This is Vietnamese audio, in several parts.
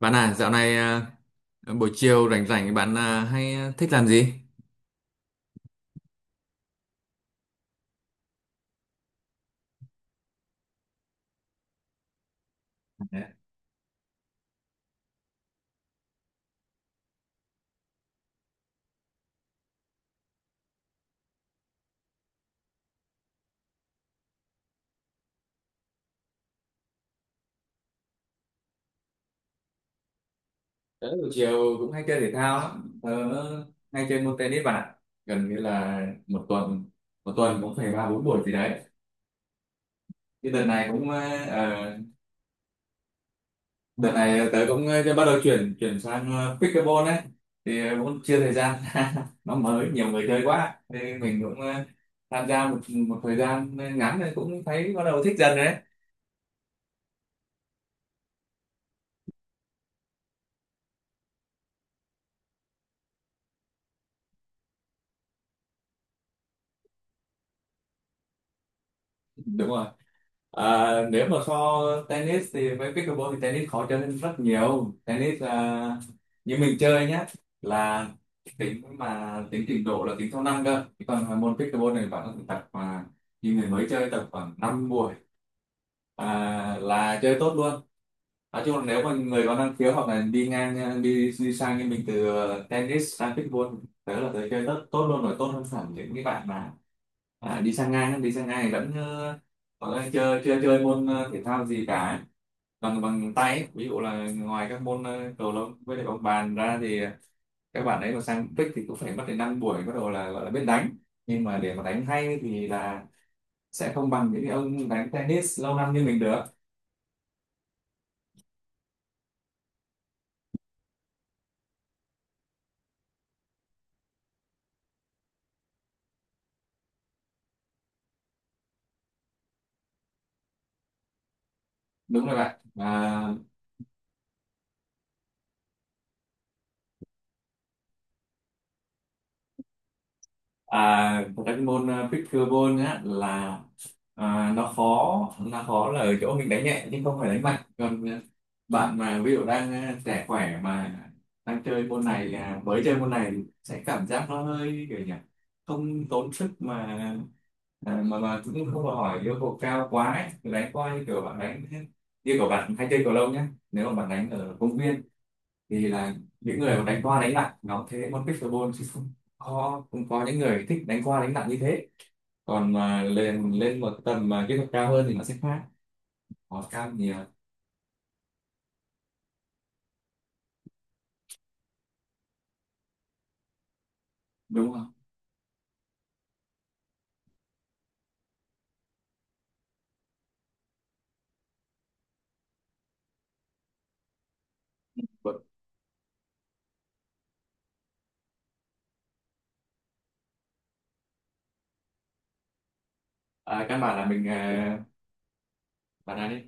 Bạn à, dạo này à, buổi chiều rảnh rảnh bạn à, hay thích làm gì? Dạ. Buổi chiều cũng hay chơi thể thao lắm. Tớ hay chơi môn tennis bạn ạ. Gần như là một tuần một tuần cũng phải ba bốn buổi gì đấy. Thì đợt này cũng à, ờ, Đợt này tớ cũng bắt đầu chuyển chuyển sang pickleball ấy. Cũng chưa thời gian nó mới nhiều người chơi quá. Nên mình cũng tham gia một một thời gian ngắn rồi cũng thấy bắt đầu thích dần rồi đấy. Đúng rồi. À, nếu mà so tennis thì với pickleball thì tennis khó chơi hơn rất nhiều. Tennis à, như mình chơi nhá, là tính trình độ là tính theo năm cơ. Chứ còn môn pickleball này bạn có thể tập, mà như người mới chơi tập khoảng 5 mùa là chơi tốt luôn. Nói chung là nếu mà người có năng khiếu hoặc là đi ngang đi đi sang như mình từ tennis sang pickleball, tớ chơi tốt tốt luôn rồi, tốt hơn hẳn những cái bạn mà đi sang ngang vẫn chơi chơi chơi môn thể thao gì cả bằng bằng tay ấy. Ví dụ là ngoài các môn cầu lông với lại bóng bàn ra thì các bạn ấy mà sang pick thì cũng phải mất đến 5 buổi bắt đầu là gọi là biết đánh, nhưng mà để mà đánh hay thì là sẽ không bằng những ông đánh tennis lâu năm như mình được. Đúng rồi bạn. Và thật ra cái môn pickleball á, là nó khó là ở chỗ mình đánh nhẹ nhưng không phải đánh mạnh. Còn bạn mà ví dụ đang trẻ khỏe mà đang chơi môn này mới chơi môn này thì sẽ cảm giác nó hơi kiểu nhỉ, không tốn sức mà à, mà mà cũng không đòi hỏi yêu cầu cao quá ấy. Đánh coi như kiểu bạn đánh như của bạn hay chơi cầu lông nhé, nếu mà bạn đánh ở công viên, vì là những người mà đánh qua đánh lại nó thế môn pickleball, chứ không có những người thích đánh qua đánh lại như thế. Còn mà lên lên một tầm mà kỹ thuật cao hơn thì nó sẽ khác, nó cao nhiều đúng không. Vâng. Căn bản là mình à, bạn nói đi.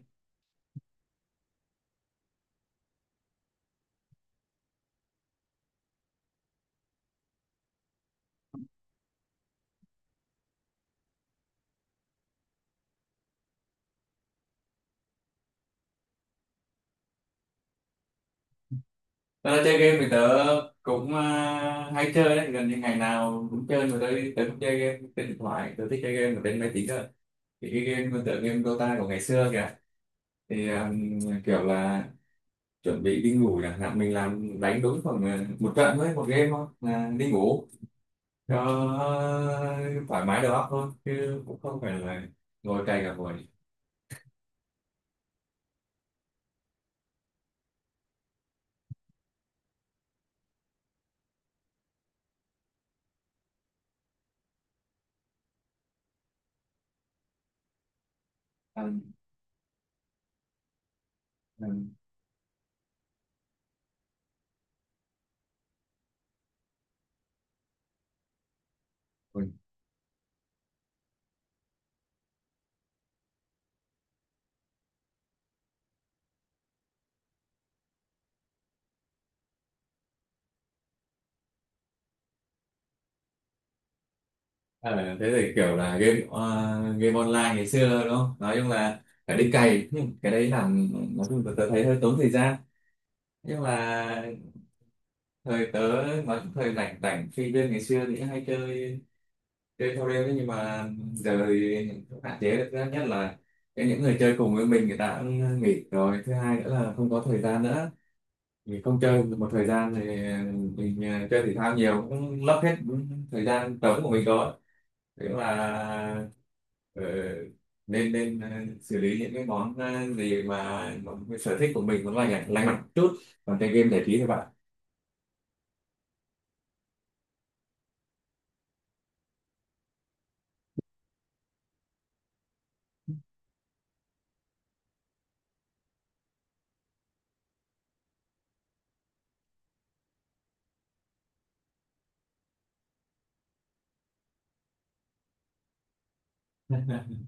Tớ chơi game thì tớ cũng hay chơi đấy, gần như ngày nào cũng chơi. Mà tớ tớ cũng chơi game trên điện thoại, tớ thích chơi game ở trên máy tính cơ, thì cái game tựa game Dota của ngày xưa kìa. Thì kiểu là chuẩn bị đi ngủ chẳng hạn mình làm đánh đúng khoảng một trận thôi, một game thôi là đi ngủ cho thoải mái đầu óc thôi chứ cũng không phải là ngồi cày cả buổi. Ăn ăn quỳnh. Ờ, thế thì kiểu là game online ngày xưa đúng không, nói chung là phải đi cày, nhưng cái đấy làm nói chung là tớ thấy hơi tốn thời gian. Nhưng mà thời tớ nói chung thời rảnh rảnh sinh viên ngày xưa thì hay chơi chơi theo đêm, nhưng mà giờ thì cũng hạn chế được. Thứ nhất là cái những người chơi cùng với mình người ta cũng nghỉ rồi, thứ hai nữa là không có thời gian nữa, mình không chơi được một thời gian thì mình chơi thể thao nhiều cũng lấp hết thời gian trống của mình rồi. Thế là ờ, nên nên xử lý những cái món gì mà, cái sở thích của mình nó lành lành mạnh chút, còn chơi game giải trí thôi bạn.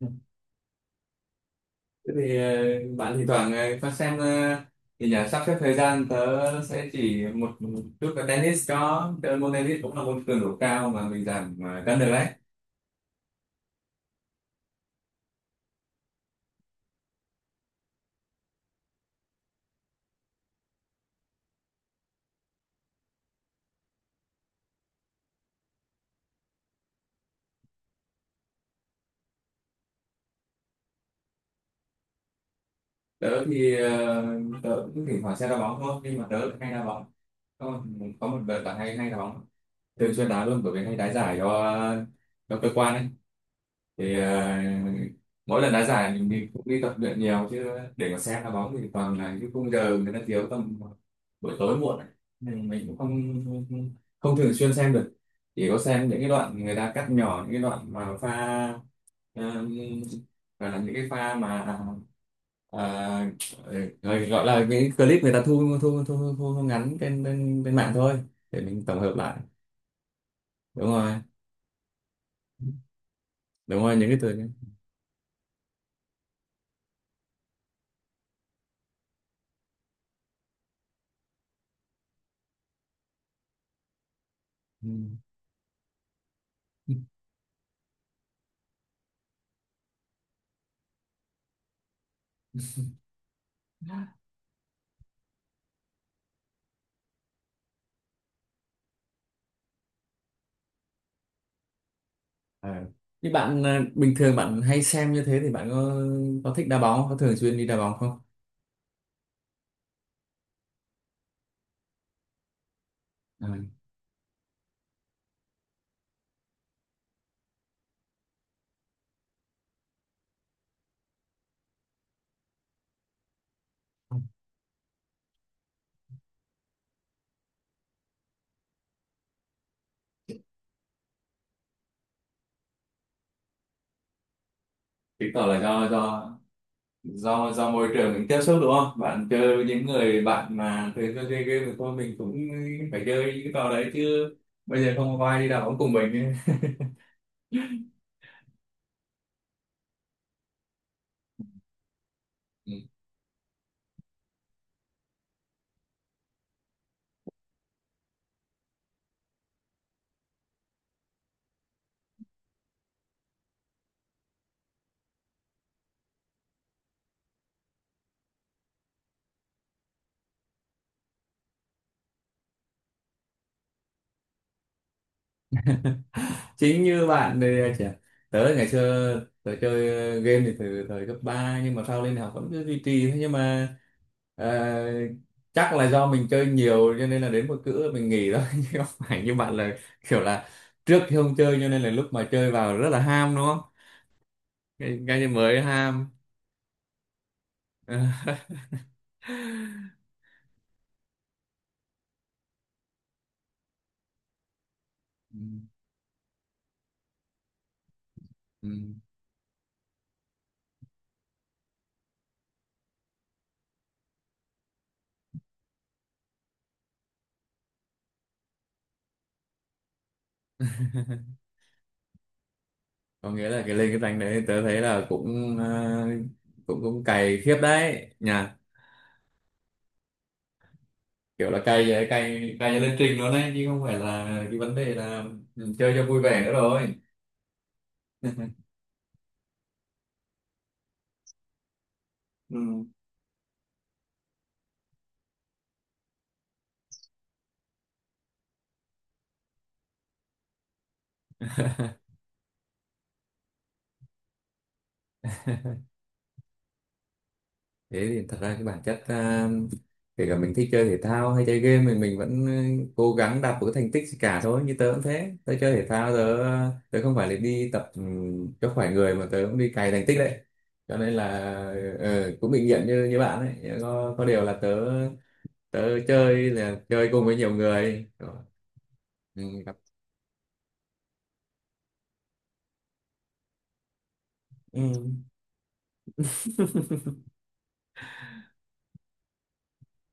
Thế thì bạn thì thoảng có xem thì nhà sắp xếp thời gian. Tớ sẽ chỉ một chút là tennis, có tớ, môn tennis cũng là môn cường độ cao mà mình giảm cân được đấy. tớ thì ờ, Tớ cũng thỉnh thoảng sẽ đá bóng thôi, nhưng mà tớ lại hay đá bóng. có một, có một đợt là hay hay đá bóng, thường xuyên đá luôn, bởi vì hay đá giải cho cơ quan ấy. Thì mỗi lần đá giải mình cũng đi tập luyện nhiều chứ. Để mà xem đá bóng thì toàn là những khung giờ người ta thiếu tầm buổi tối muộn ấy. Nên mình cũng không không thường xuyên xem được, chỉ có xem những cái đoạn người ta cắt nhỏ, những cái đoạn mà pha ờ, gọi là những cái pha mà à, rồi gọi là những clip người ta thu ngắn trên, trên trên mạng thôi, để mình tổng hợp lại. Đúng rồi, đúng rồi, những cái từ. Ừ. À. Như bạn à, bình thường bạn hay xem như thế, thì bạn có thích đá bóng, có thường xuyên đi đá bóng không? À. Chứng tỏ là do môi trường mình tiếp xúc đúng không? Bạn chơi với những người bạn mà thường xuyên chơi game thì thôi mình cũng phải chơi những cái trò đấy chứ, bây giờ không có ai đi đá bóng cùng mình. Chính như bạn thì chả- tớ ngày xưa, tớ chơi game thì từ thời cấp 3 nhưng mà sau lên đại học vẫn cứ duy trì thôi. Nhưng mà ờ, chắc là do mình chơi nhiều cho nên là đến một cữ mình nghỉ đó, chứ không phải như bạn là kiểu là trước thì không chơi cho nên là lúc mà chơi vào rất là ham đúng không, cái gì mới ham. Ừ, ừ. Có nghĩa là cái lên cái rank đấy tớ thấy là cũng cũng cũng cày khiếp đấy nhỉ, kiểu là cày vậy cày cày lên trình luôn đấy, chứ không phải là cái vấn đề là chơi cho vui vẻ nữa rồi. Ừ. Thế thì thật ra cái bản chất kể cả mình thích chơi thể thao hay chơi game, mình vẫn cố gắng đạt một cái thành tích gì cả thôi. Như tớ cũng thế, tớ chơi thể thao, tớ tớ không phải là đi tập cho khỏe người, mà tớ cũng đi cày thành tích đấy. Cho nên là cũng bình diện như như bạn ấy, có điều là tớ tớ chơi là chơi cùng với nhiều người. Ừ, gặp. Ừ,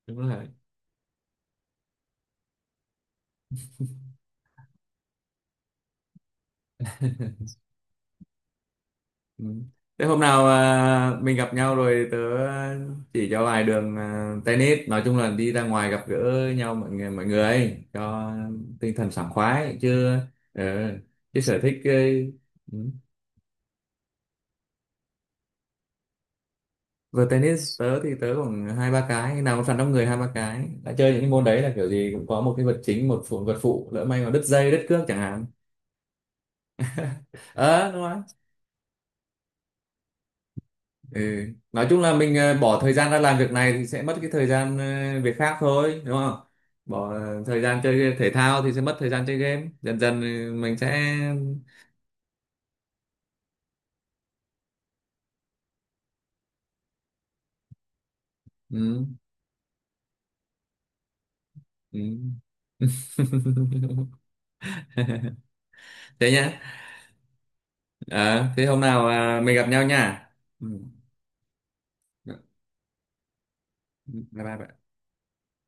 đúng rồi. Ừ. Thế hôm nào à, mình gặp nhau rồi tớ chỉ cho vài đường tennis, nói chung là đi ra ngoài gặp gỡ nhau, mọi người ấy, cho tinh thần sảng khoái chứ. Ờ, chứ sở thích ấy, ừ. Vừa tennis, tớ thì tớ khoảng hai ba cái, nào có sẵn đông người hai ba cái đã chơi, những cái môn đấy là kiểu gì cũng có một cái vật chính, một phụ vật phụ, lỡ may mà đứt dây đứt cước chẳng hạn. Ờ đúng rồi. Ừ. Nói chung là mình bỏ thời gian ra làm việc này thì sẽ mất cái thời gian việc khác thôi đúng không? Bỏ thời gian chơi thể thao thì sẽ mất thời gian chơi game. Dần dần mình sẽ ừ. Ừ. Thế nhá. Ờ, thế hôm nào à, mình gặp nhau nha. Ừ. Dạ. Bye bye.